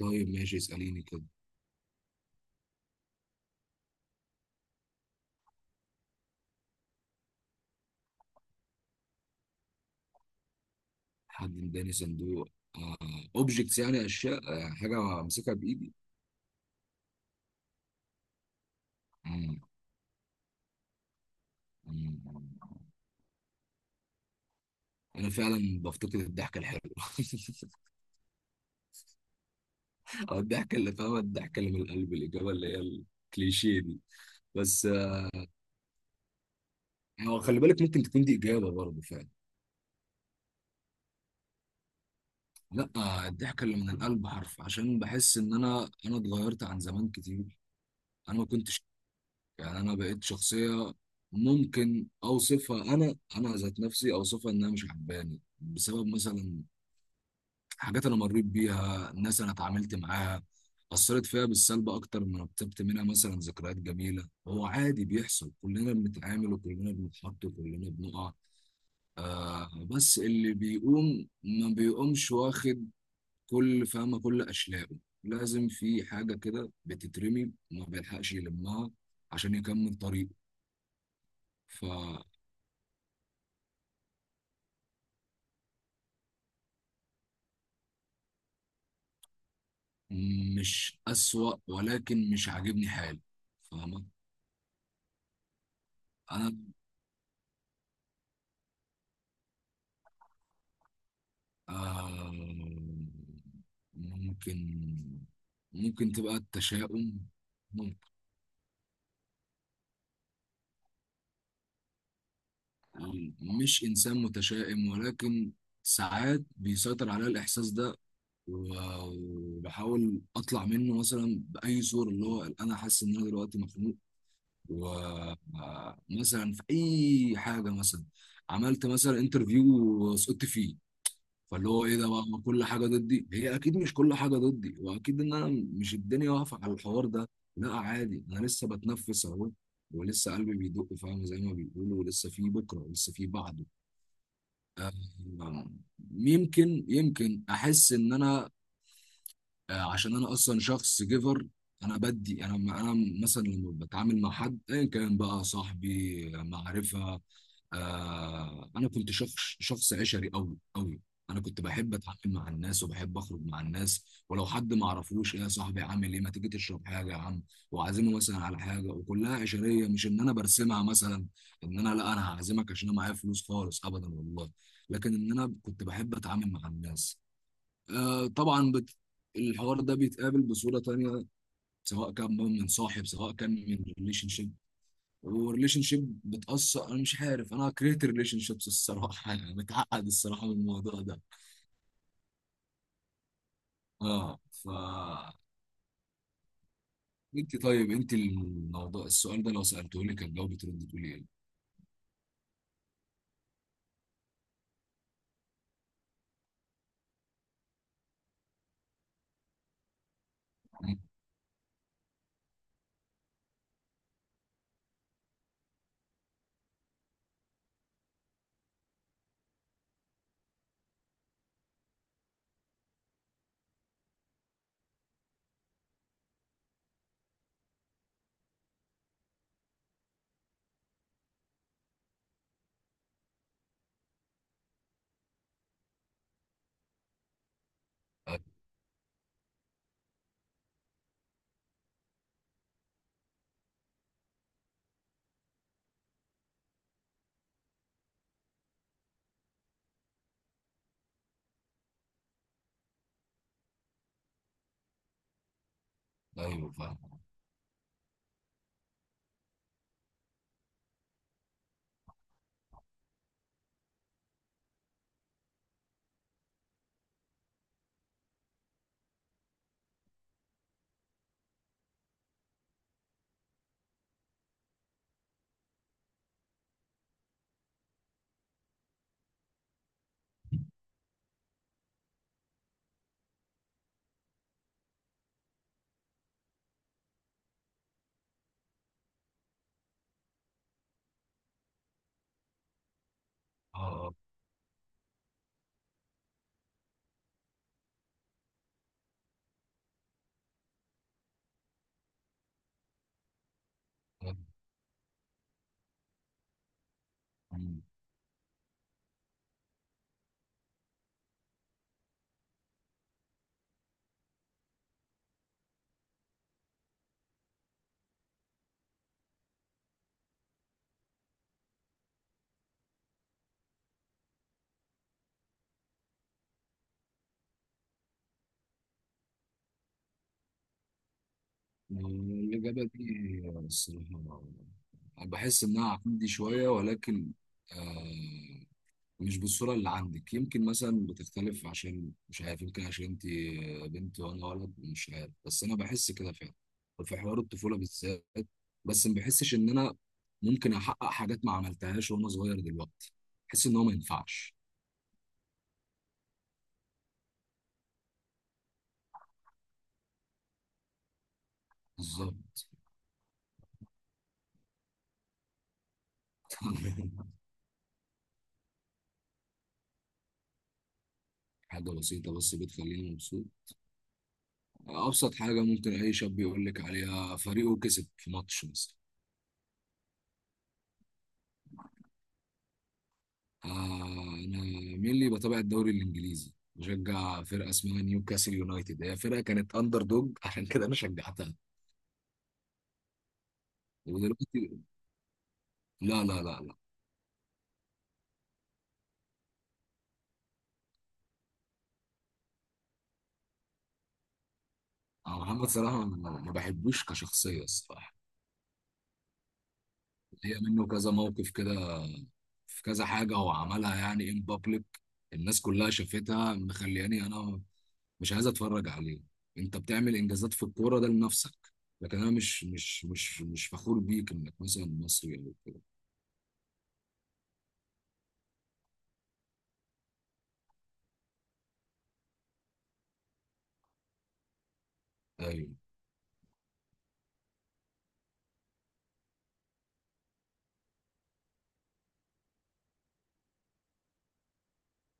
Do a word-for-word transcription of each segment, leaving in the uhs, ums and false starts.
طيب ماشي اسأليني كده. حد اداني صندوق اوبجكتس، يعني اشياء. آه، حاجه امسكها بايدي. مم، مم، مم. انا فعلا بفتقد الضحكه الحلوه او الضحكه اللي فاهمه، الضحكه اللي من القلب، الاجابه اللي هي الكليشيه دي. بس آه، هو خلي بالك ممكن تكون دي اجابه برضه فعلا. لا، آه، الضحكه اللي من القلب حرف، عشان بحس ان انا انا اتغيرت عن زمان كتير. انا ما كنتش، يعني انا بقيت شخصيه ممكن اوصفها، انا انا ذات نفسي اوصفها انها مش عجباني، بسبب مثلا حاجات انا مريت بيها، ناس انا اتعاملت معاها اثرت فيها بالسلب اكتر ما رتبت منها مثلا ذكريات جميله. هو عادي بيحصل، كلنا بنتعامل وكلنا بنتحط وكلنا بنقع. آه، بس اللي بيقوم ما بيقومش واخد كل، فاهمه، كل اشلاءه. لازم في حاجه كده بتترمي ما بيلحقش يلمها عشان يكمل طريقه. مش أسوأ، ولكن مش عاجبني حالي، فاهمة. أنا، آه، ممكن، ممكن تبقى التشاؤم، ممكن. مش إنسان متشائم، ولكن ساعات بيسيطر عليا الإحساس ده، و- وبحاول أطلع منه مثلا بأي صورة، اللي هو أنا حاسس إن أنا دلوقتي مخنوق. ومثلا في أي حاجة، مثلا عملت مثلا انترفيو وسقطت فيه، فاللي هو ايه ده بقى، ما كل حاجه ضدي، هي اكيد مش كل حاجه ضدي، واكيد ان انا مش الدنيا واقفه على الحوار ده. لا عادي، انا لسه بتنفس اهو، ولسه قلبي بيدق، فاهم، زي ما بيقولوا، ولسه في بكره ولسه في بعده. يمكن يمكن احس ان انا، آه، عشان انا اصلا شخص جيفر. انا بدي انا، انا مثلا لما بتعامل مع حد ايا كان بقى، صاحبي، معرفه، آه، انا كنت شخص، شخص عشري قوي قوي. انا كنت بحب اتعامل مع الناس وبحب اخرج مع الناس، ولو حد ما اعرفوش، ايه يا صاحبي، عامل ايه، ما تيجي تشرب حاجه يا عم، واعزمه مثلا على حاجه، وكلها عشريه. مش ان انا برسمها مثلا ان انا، لا، انا هعزمك عشان انا معايا فلوس، خالص ابدا والله، لكن ان انا كنت بحب اتعامل مع الناس. آه طبعا بت... الحوار ده بيتقابل بصورة تانية، سواء كان بقى من صاحب، سواء كان من ريليشن شيب. والريليشن شيب بتأثر، أنا مش عارف، أنا كرهت الريليشن شيبس الصراحة يعني متعقد الصراحة من الموضوع ده. اه ف، انت طيب، انت الموضوع، السؤال ده لو سألته لك كان جاوبت، ترد تقولي ايه؟ مم. آه، ايوه فاهم. اه. آه، آه. مم. الإجابة دي الصراحة بحس إنها عندي شوية، ولكن آه، مش بالصورة اللي عندك. يمكن مثلا بتختلف، عشان مش عارف، يمكن عشان انت بنت وانا ولد، مش عارف، بس انا بحس كده فعلا. وفي حوار الطفولة بالذات، بس ما بحسش ان انا ممكن احقق حاجات ما عملتهاش وانا صغير دلوقتي. بحس ان هو ما ينفعش. بالظبط. حاجة بسيطة بس بتخليني مبسوط. ابسط حاجة ممكن اي شاب يقول لك عليها، فريقه كسب في ماتش مثلا. آه، أنا، مين اللي بتابع الدوري الإنجليزي، بشجع فرقة اسمها نيوكاسل يونايتد، هي فرقة كانت أندر دوج عشان كده أنا شجعتها. ودلوقتي، لا لا لا لا، أنا محمد صلاح ما ما بحبوش كشخصية الصراحة. هي منه كذا موقف كده، في كذا حاجة هو عملها، يعني إن بابليك، الناس كلها شافتها، مخلياني أنا مش عايز أتفرج عليه. أنت بتعمل إنجازات في الكورة ده لنفسك، لكن أنا مش مش مش مش فخور بيك إنك مثلا مصري أو كده. ايوه.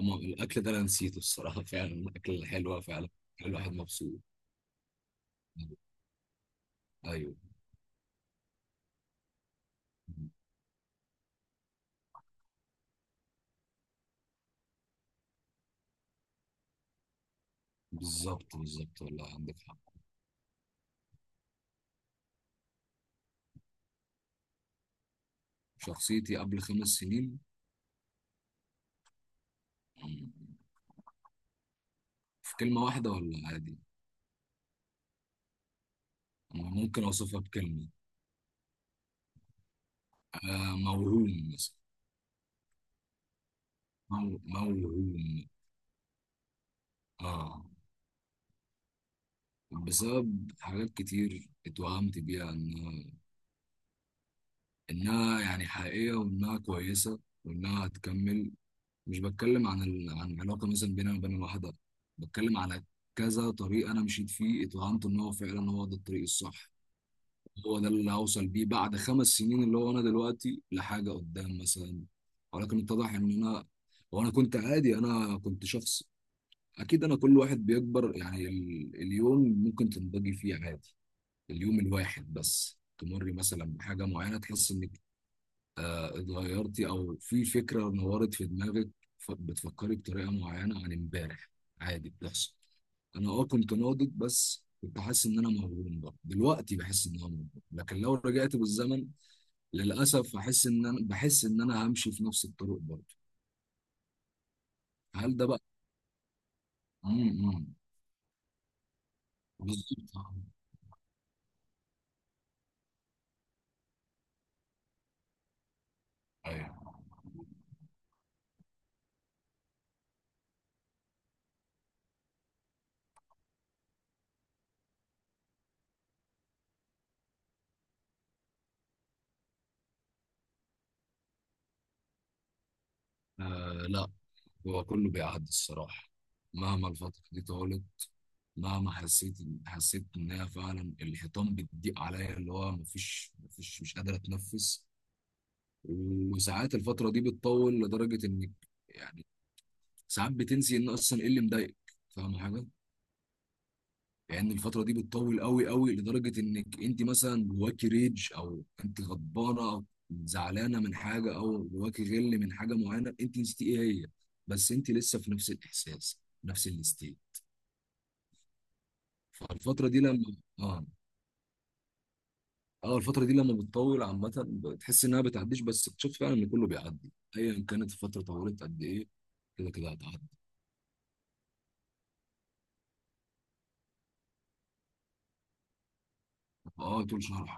أما الأكل ده أنا نسيته الصراحة فعلا الأكل حلوة فعلا، الواحد مبسوط. أيوه. بالظبط، بالظبط، والله عندك حق. شخصيتي قبل خمس سنين. مم، في كلمة واحدة ولا عادي؟ أنا ممكن أوصفها بكلمة. آه، موهوم مثلا. مو- موهوم. آه. بسبب حاجات كتير اتوهمت بيها إنها، إنها يعني حقيقية، وإنها كويسة، وإنها هتكمل. مش بتكلم عن ال... عن علاقه مثلا بيني وبين واحده، بتكلم على كذا طريق انا مشيت فيه، اتوهمت ان هو فعلا هو ده الطريق الصح، هو ده اللي هوصل بيه بعد خمس سنين، اللي هو انا دلوقتي لحاجه قدام مثلا. ولكن اتضح ان انا، وانا كنت عادي، انا كنت شخص، اكيد انا، كل واحد بيكبر يعني، ال... اليوم ممكن تنضجي فيه عادي، اليوم الواحد بس تمري مثلا بحاجه معينه، تحس انك اتغيرتي، او في فكره نورت في دماغك، ف- بتفكري بطريقه معينه عن امبارح، عادي بتحصل. انا اه كنت ناضج، بس كنت حاسس ان انا مغروم. برضه دلوقتي بحس ان انا مغروم، لكن لو رجعت بالزمن للاسف هحس ان انا، بحس ان انا همشي في نفس الطريق برضه. هل ده بقى، امم، بالظبط. ايوه. آه لا، هو كله بيعدي الصراحه، مهما الفتره دي طالت، مهما حسيت حسيت انها فعلا الحيطان بتضيق عليا، اللي هو مفيش مفيش مش قادر اتنفس. وساعات الفتره دي بتطول لدرجه انك، يعني ساعات بتنسي ان اصلا ايه اللي مضايقك، فاهم حاجه. يعني الفتره دي بتطول قوي قوي لدرجه انك انت مثلا جواكي ريج، او انت غضبانه او زعلانه من حاجه، او جواكي غل من حاجه معينه، انت نسيتي ايه هي، بس انت لسه في نفس الاحساس، نفس الاستيل. فالفتره دي لما، اه، اه الفترة دي لما بتطول عامة بتحس انها بتعديش، بس بتشوف فعلا ان كله بيعدي، ايا كانت الفترة طولت قد ايه، كده كده هتعدي. اه طول شرح.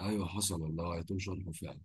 ايوه حصل والله، طول شرح فعلا.